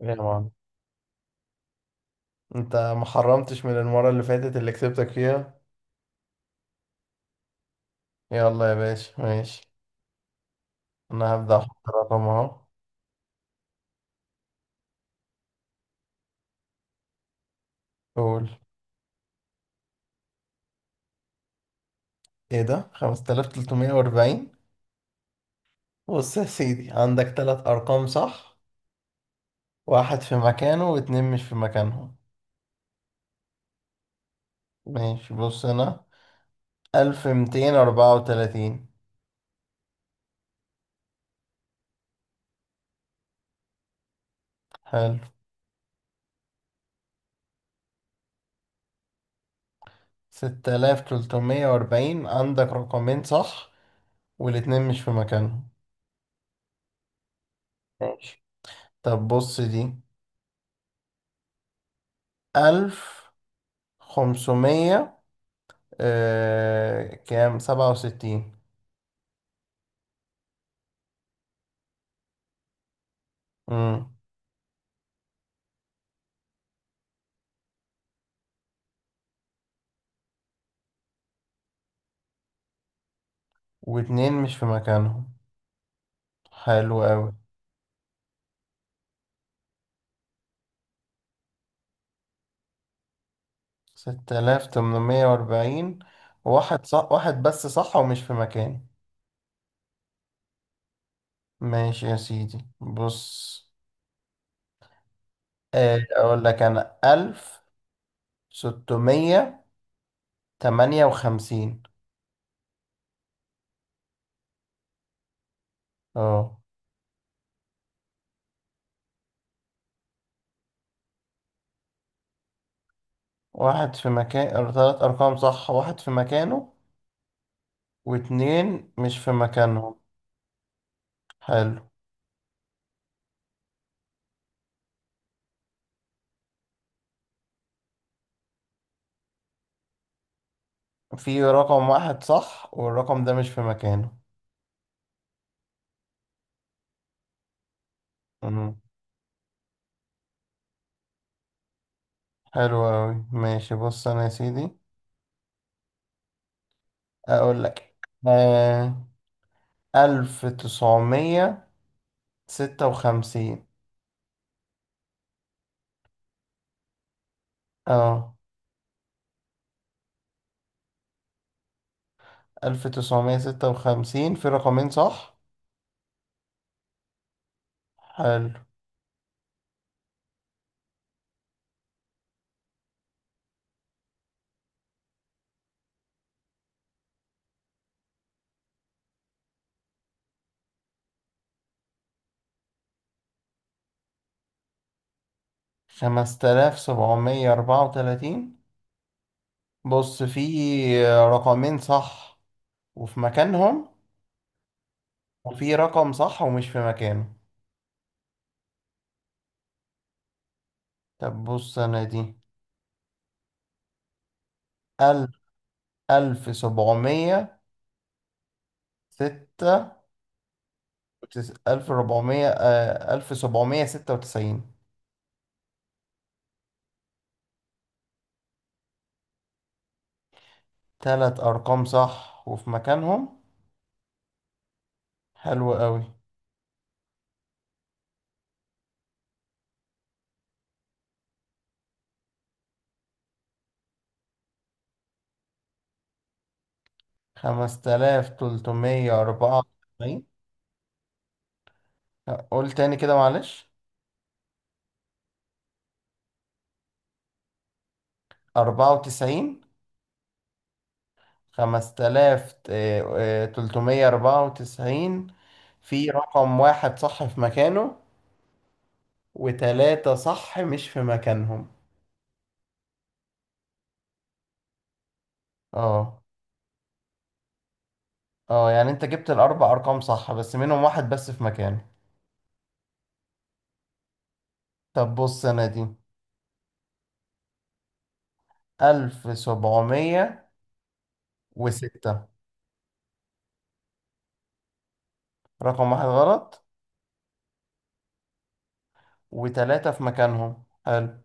يا مان، انت ما حرمتش من المرة اللي فاتت اللي كسبتك فيها؟ يلا يا باشا، ماشي. انا هبدأ احط رقم اهو. قول. ايه ده؟ 5340. بص يا سيدي، عندك تلات ارقام صح، واحد في مكانه واتنين مش في مكانهم. ماشي، بص هنا. 1234. حلو. 6340 عندك رقمين صح والاتنين مش في مكانهم. ماشي. طب بص دي 1500. كام، سبعة وستين. مم. واتنين مش في مكانهم. حلو أوي. ستة آلاف تمنمية وأربعين. واحد صح، واحد بس صح ومش في مكانه. ماشي يا سيدي، بص. أقول لك أنا ألف ستمية تمانية وخمسين. اه واحد في مكان، تلات أرقام صح، واحد في مكانه واتنين مش في مكانهم. حلو. في رقم واحد صح والرقم ده مش في مكانه. مم. حلو أوي. ماشي، بص أنا يا سيدي أقول لك. آه ألف تسعمية ستة وخمسين. أه ألف تسعمية ستة وخمسين في رقمين صح. حلو. خمس تلاف سبعمية أربعة وتلاتين. بص، في رقمين صح وفي مكانهم، وفي رقم صح ومش في مكانه. طب بص أنا دي. ألف ألف سبعمية ستة، ألف ربعمية، ألف سبعمية ستة وتسعين. تلات أرقام صح وفي مكانهم. حلو قوي. خمسة آلاف تلتمية أربعة وتسعين. قول تاني كده، معلش. أربعة وتسعين. خمسة آلاف تلتمية أربعة وتسعين. في رقم واحد صح في مكانه، وتلاتة صح مش في مكانهم. اه، اه، يعني انت جبت الأربع أرقام صح بس منهم واحد بس في مكانه. طب بص أنا دي. ألف سبعمية وستة. رقم واحد غلط وتلاتة في مكانهم. حلو.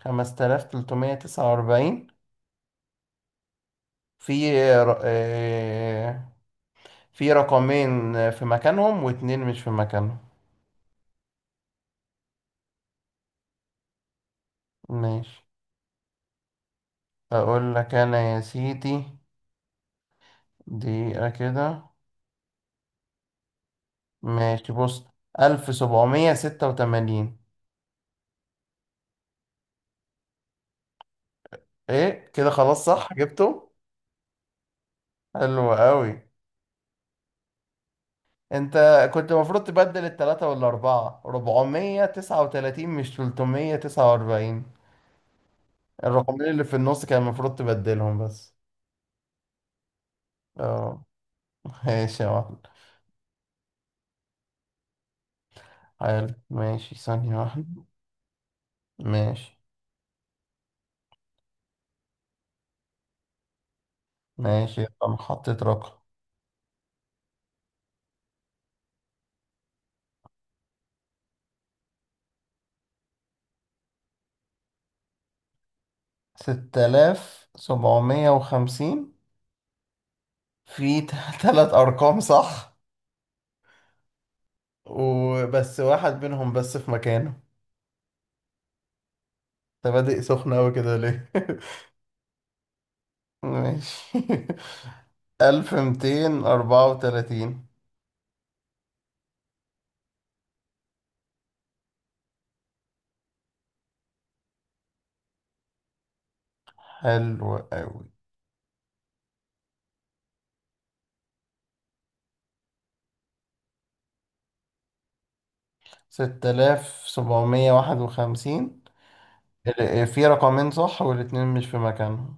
خمسة آلاف تلتمية تسعة وأربعين. في ر- آه، في رقمين في مكانهم واتنين مش في مكانهم. ماشي. أقول لك أنا يا سيدي، دقيقة كده. ماشي، بص. ألف سبعمية ستة وتمانين. إيه كده؟ خلاص صح، جبته. حلو أوي. أنت كنت المفروض تبدل التلاتة والأربعة، ربعمية تسعة وتلاتين، مش تلتمية تسعة وأربعين. الرقمين اللي في النص كان المفروض تبدلهم بس. اه. ماشي يا واحد. حلو، ماشي، ثانية واحدة. ماشي. ماشي، يبقى أنا حطيت رقم. ستة آلاف سبعمية وخمسين. في تلات أرقام صح، وبس واحد منهم بس في مكانه. أنت بادئ سخن أوي كده ليه؟ ماشي. ألف ميتين أربعة وتلاتين. حلو أوي. ستة آلاف سبعمية واحد وخمسين. في رقمين صح والاتنين مش في مكانهم.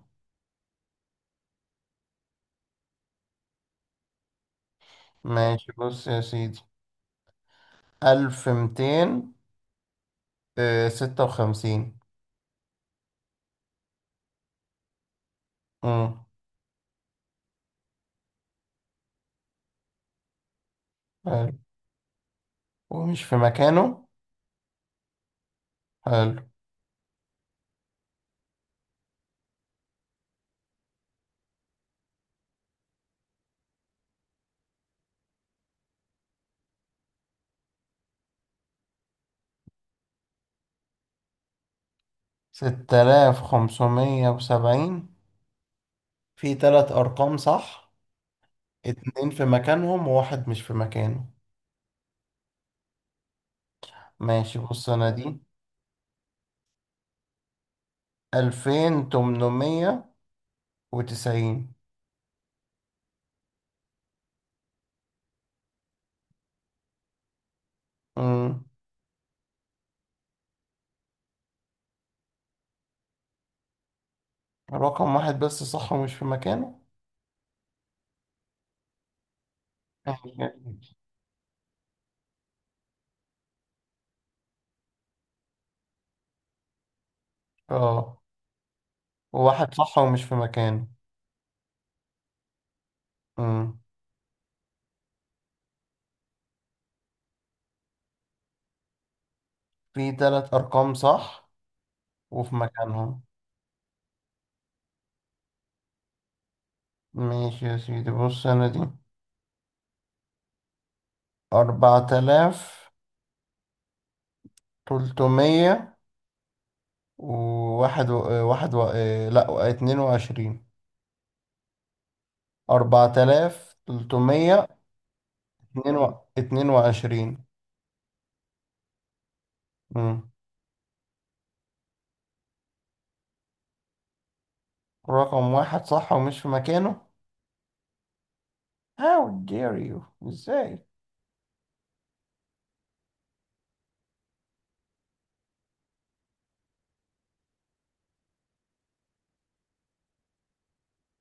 ماشي، بص يا سيدي. ألف ميتين ستة وخمسين. امم. حلو. ومش في مكانه. حلو. ستة آلاف خمسمية وسبعين في تلات أرقام صح. اتنين في مكانهم وواحد مش في مكانه. ماشي، بص أنا دي. ألفين تمنمية وتسعين. امم رقم واحد بس صح ومش في مكانه. ماشي. اه، وواحد صح ومش في مكانه. مم. في تلات أرقام صح وفي مكانهم. ماشي يا سيدي، بص أنا دي. أربعة آلاف تلتمية وواحد و... آه، لأ، اتنين وعشرين. أربعة آلاف تلتمية اتنين و... اتنين وعشرين. مم. رقم واحد صح ومش في مكانه. How dare you. إزاي؟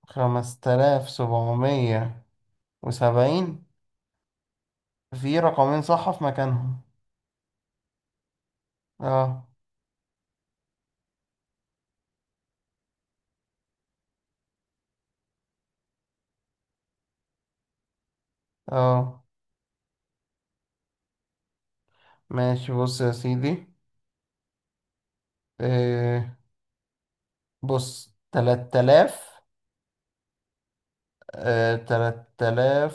خمسة آلاف سبعمية وسبعين في رقمين صح في مكانهم. اه. اه. ماشي، بص يا سيدي. إيه؟ بص. تلات آلاف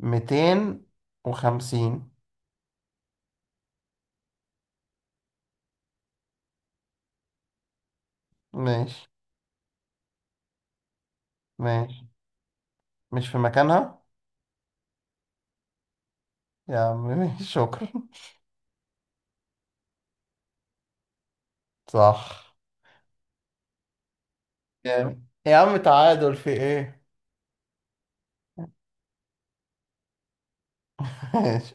ميتين وخمسين. ماشي. ماشي، مش في مكانها. يا عم ماشي، شكرا. صح. جامد يا عم، تعادل في ايه؟ ماشي.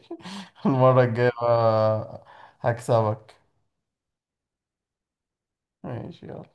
المرة الجاية بقى هكسبك. ماشي يلا.